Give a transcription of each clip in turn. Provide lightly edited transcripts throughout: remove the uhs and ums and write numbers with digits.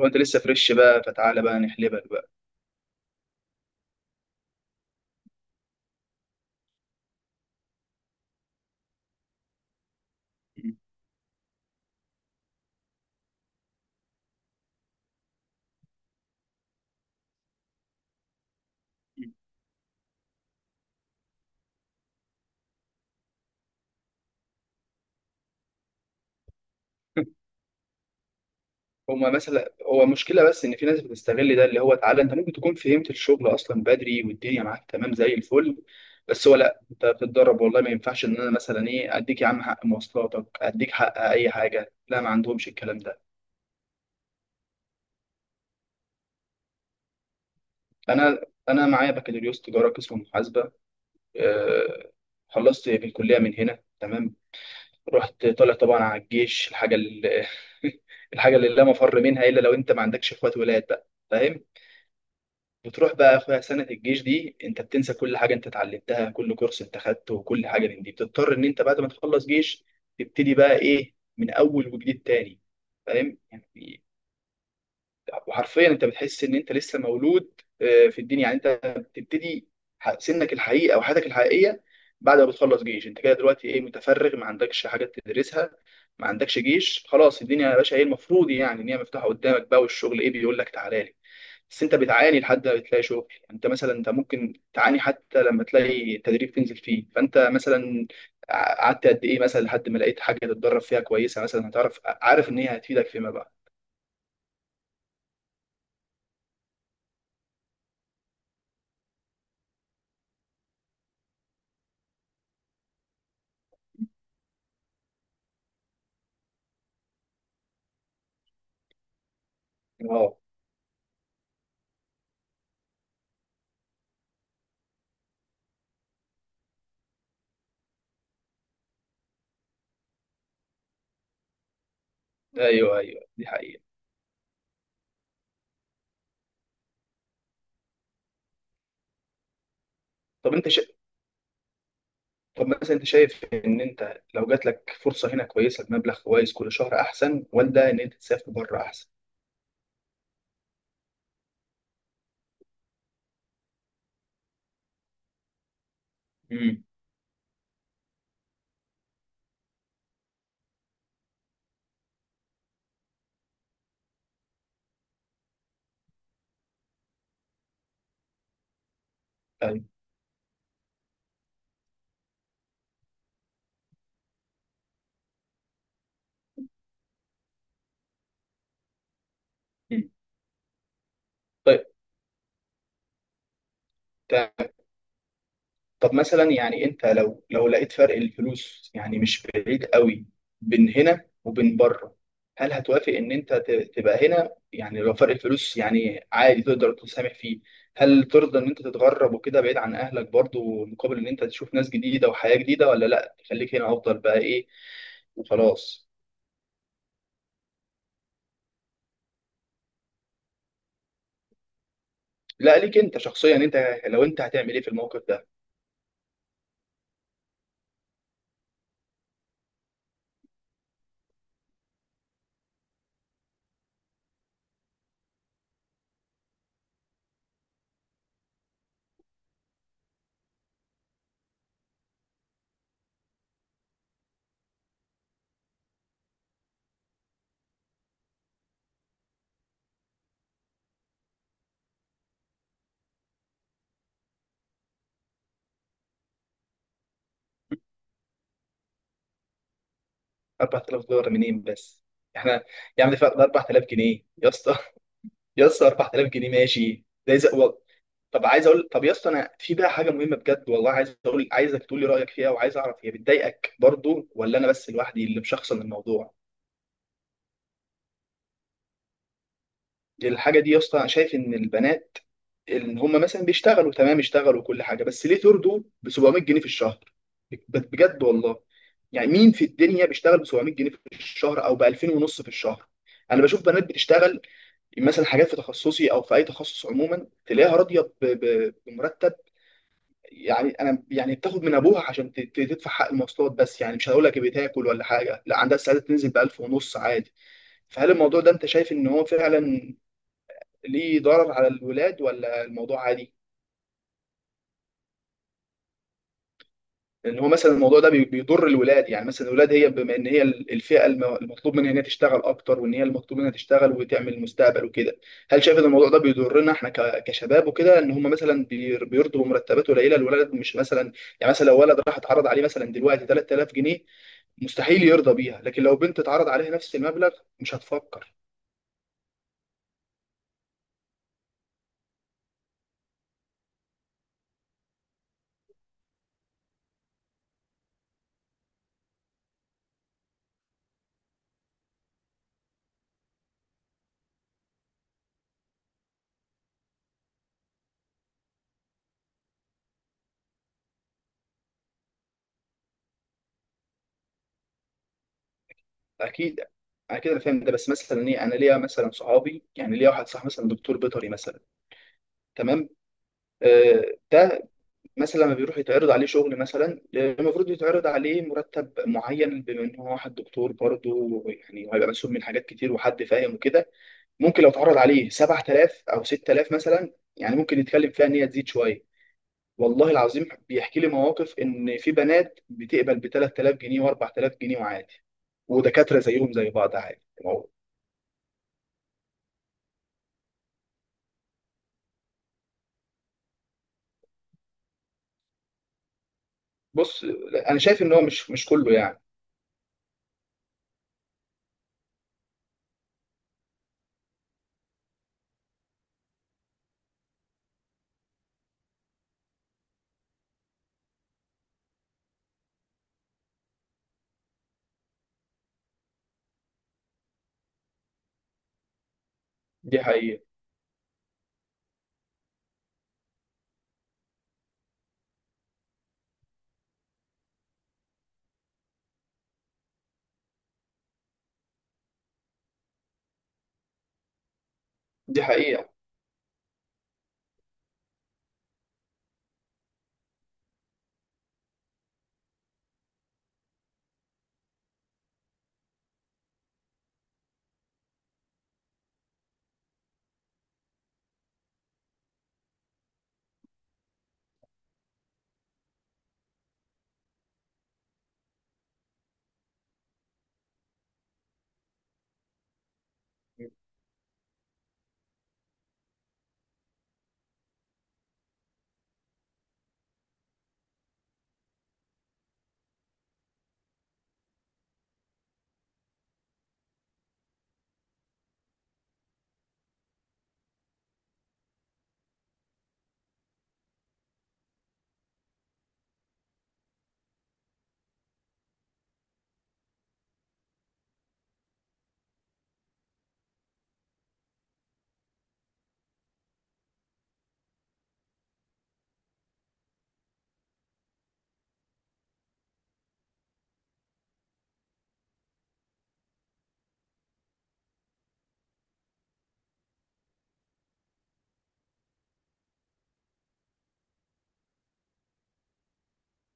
وانت لسه فريش بقى فتعالى بقى نحلبك بقى. هما مثلا هو مشكلة بس إن في ناس بتستغل ده اللي هو تعالى، أنت ممكن تكون فهمت الشغل أصلا بدري والدنيا معاك تمام زي الفل. بس هو لأ، أنت بتتدرب والله ما ينفعش إن أنا مثلا إيه أديك يا عم حق مواصلاتك، أديك حق أي حاجة. لا ما عندهمش الكلام ده. أنا معايا بكالوريوس تجارة قسم محاسبة. آه، خلصت بالكلية من هنا تمام. رحت طالع طبعا على الجيش، الحاجه اللي الحاجه اللي لا مفر منها الا لو انت ما عندكش اخوات ولاد بقى، فاهم؟ بتروح بقى يا اخويا سنه الجيش دي انت بتنسى كل حاجه انت اتعلمتها، كل كورس انت خدته وكل حاجه من دي بتضطر ان انت بعد ما تخلص جيش تبتدي بقى ايه من اول وجديد تاني، فاهم يعني؟ وحرفيا انت بتحس ان انت لسه مولود في الدنيا، يعني انت بتبتدي سنك الحقيقي او حياتك الحقيقيه بعد ما بتخلص جيش. انت كده دلوقتي ايه، متفرغ، ما عندكش حاجات تدرسها، ما عندكش جيش، خلاص الدنيا يا باشا ايه المفروض يعني ان هي مفتوحه قدامك بقى، والشغل ايه بيقول لك تعالى لي. بس انت بتعاني لحد ما بتلاقي شغل. يعني انت مثلا انت ممكن تعاني حتى لما تلاقي تدريب تنزل فيه. فانت مثلا قعدت قد ايه مثلا لحد ما لقيت حاجه تتدرب فيها كويسه، مثلا هتعرف عارف ان هي هتفيدك فيما بعد. اه، ايوه ايوه دي حقيقة. طب انت شا... طب مثلا انت شايف ان انت لو جات لك فرصة هنا كويسة بمبلغ كويس كل شهر احسن ولا ان انت تسافر بره احسن؟ امم طيب، طيب. طب مثلا يعني انت لو لقيت فرق الفلوس يعني مش بعيد قوي بين هنا وبين بره، هل هتوافق ان انت تبقى هنا يعني لو فرق الفلوس يعني عادي تقدر تسامح فيه؟ هل ترضى ان انت تتغرب وكده بعيد عن اهلك برضو مقابل ان انت تشوف ناس جديدة وحياة جديدة، ولا لا تخليك هنا افضل بقى ايه وخلاص؟ لا، ليك انت شخصيا انت لو انت هتعمل ايه في الموقف ده؟ 4000 دولار منين بس؟ احنا يعني ده 4000 جنيه يا اسطى، يا اسطى 4000 جنيه ماشي ده طب عايز اقول، طب يا اسطى انا في بقى حاجه مهمه بجد والله عايز اقول، عايزك تقول لي رايك فيها، وعايز اعرف هي بتضايقك برضو ولا انا بس لوحدي اللي مشخصن الموضوع. الحاجه دي يا اسطى، أنا شايف ان البنات، ان هم مثلا بيشتغلوا تمام، اشتغلوا وكل حاجه، بس ليه ترضوا ب 700 جنيه في الشهر؟ بجد والله، يعني مين في الدنيا بيشتغل ب 700 جنيه في الشهر او ب 2000 ونص في الشهر؟ انا بشوف بنات بتشتغل مثلا حاجات في تخصصي او في اي تخصص عموما، تلاقيها راضيه بمرتب، يعني انا يعني بتاخد من ابوها عشان تدفع حق المواصلات بس، يعني مش هقول لك بتاكل ولا حاجه، لا عندها استعداد تنزل ب 1000 ونص عادي. فهل الموضوع ده انت شايف ان هو فعلا ليه ضرر على الولاد ولا الموضوع عادي؟ لان هو مثلا الموضوع ده بيضر الولاد، يعني مثلا الولاد، هي بما ان هي الفئه المطلوب منها ان هي تشتغل اكتر، وان هي المطلوب منها تشتغل وتعمل مستقبل وكده، هل شايف ان الموضوع ده بيضرنا احنا كشباب وكده، ان هم مثلا بيرضوا بمرتبات قليله؟ الولد مش مثلا، يعني مثلا لو ولد راح اتعرض عليه مثلا دلوقتي 3000 جنيه مستحيل يرضى بيها، لكن لو بنت اتعرض عليها نفس المبلغ مش هتفكر. اكيد اكيد انا فاهم ده، بس مثلا ايه، انا ليا مثلا صحابي، يعني ليا واحد صاحبي مثلا دكتور بيطري مثلا، تمام؟ آه، ده مثلا لما بيروح يتعرض عليه شغل مثلا، المفروض يتعرض عليه مرتب معين بما ان هو واحد دكتور برضه، يعني هيبقى مسؤول من حاجات كتير وحد فاهم وكده، ممكن لو اتعرض عليه 7000 او 6000 مثلا يعني ممكن يتكلم فيها ان هي تزيد شويه. والله العظيم بيحكي لي مواقف ان في بنات بتقبل ب 3000 جنيه و4000 جنيه وعادي، ودكاتره زيهم زي بعض عادي. ما هو- بص انا شايف ان هو مش كله يعني. دي حقيقه، دي حقيقه.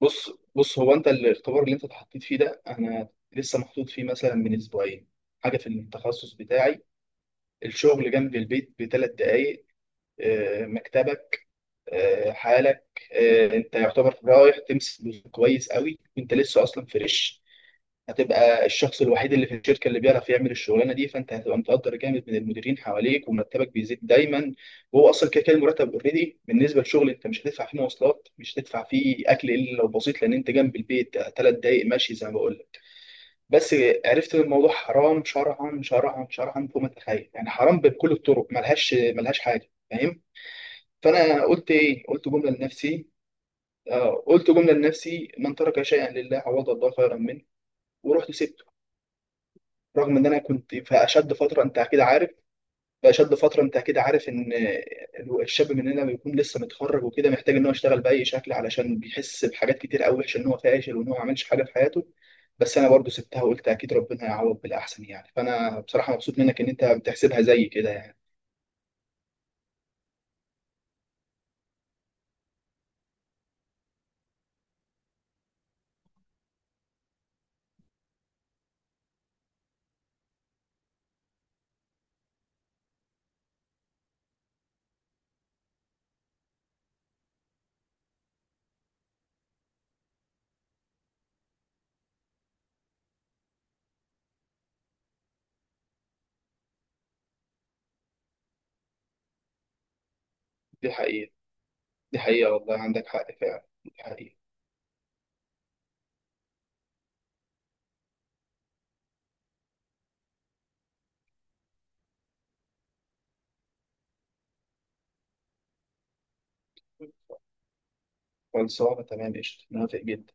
بص بص، هو انت الاختبار اللي انت اتحطيت فيه ده، انا لسه محطوط فيه مثلا من اسبوعين. حاجه في التخصص بتاعي، الشغل جنب البيت بثلاث دقائق. مكتبك، حالك، انت يعتبر رايح تمسك كويس قوي وانت لسه اصلا فريش، هتبقى الشخص الوحيد اللي في الشركه اللي بيعرف يعمل الشغلانه دي، فانت هتبقى متقدر جامد من المديرين حواليك ومرتبك بيزيد دايما، وهو اصلا كده كده المرتب اوريدي بالنسبه للشغل. انت مش هتدفع فيه مواصلات، مش هتدفع فيه اكل الا لو بسيط، لان انت جنب البيت 3 دقائق ماشي زي ما بقول لك. بس عرفت ان الموضوع حرام، شرعا شرعا شرعا فوق ما تتخيل، يعني حرام بكل الطرق ملهاش ملهاش حاجه، فاهم؟ فانا قلت ايه، قلت جمله لنفسي، قلت جمله لنفسي: من ترك شيئا لله عوض الله خيرا منه. ورحت سبته. رغم ان انا كنت في اشد فتره، انت اكيد عارف، في اشد فتره انت اكيد عارف ان الشاب مننا بيكون لسه متخرج وكده، محتاج ان هو يشتغل باي شكل، علشان بيحس بحاجات كتير قوي وحشه، ان هو فاشل وان هو ما عملش حاجه في حياته. بس انا برضو سبتها وقلت اكيد ربنا هيعوض بالاحسن يعني. فانا بصراحه مبسوط منك ان انت بتحسبها زي كده يعني. دي حقيقه، دي حقيقه، والله عندك حق فعلا، دي حقيقه. خلصانه تمام، قشطه، موافق جدا.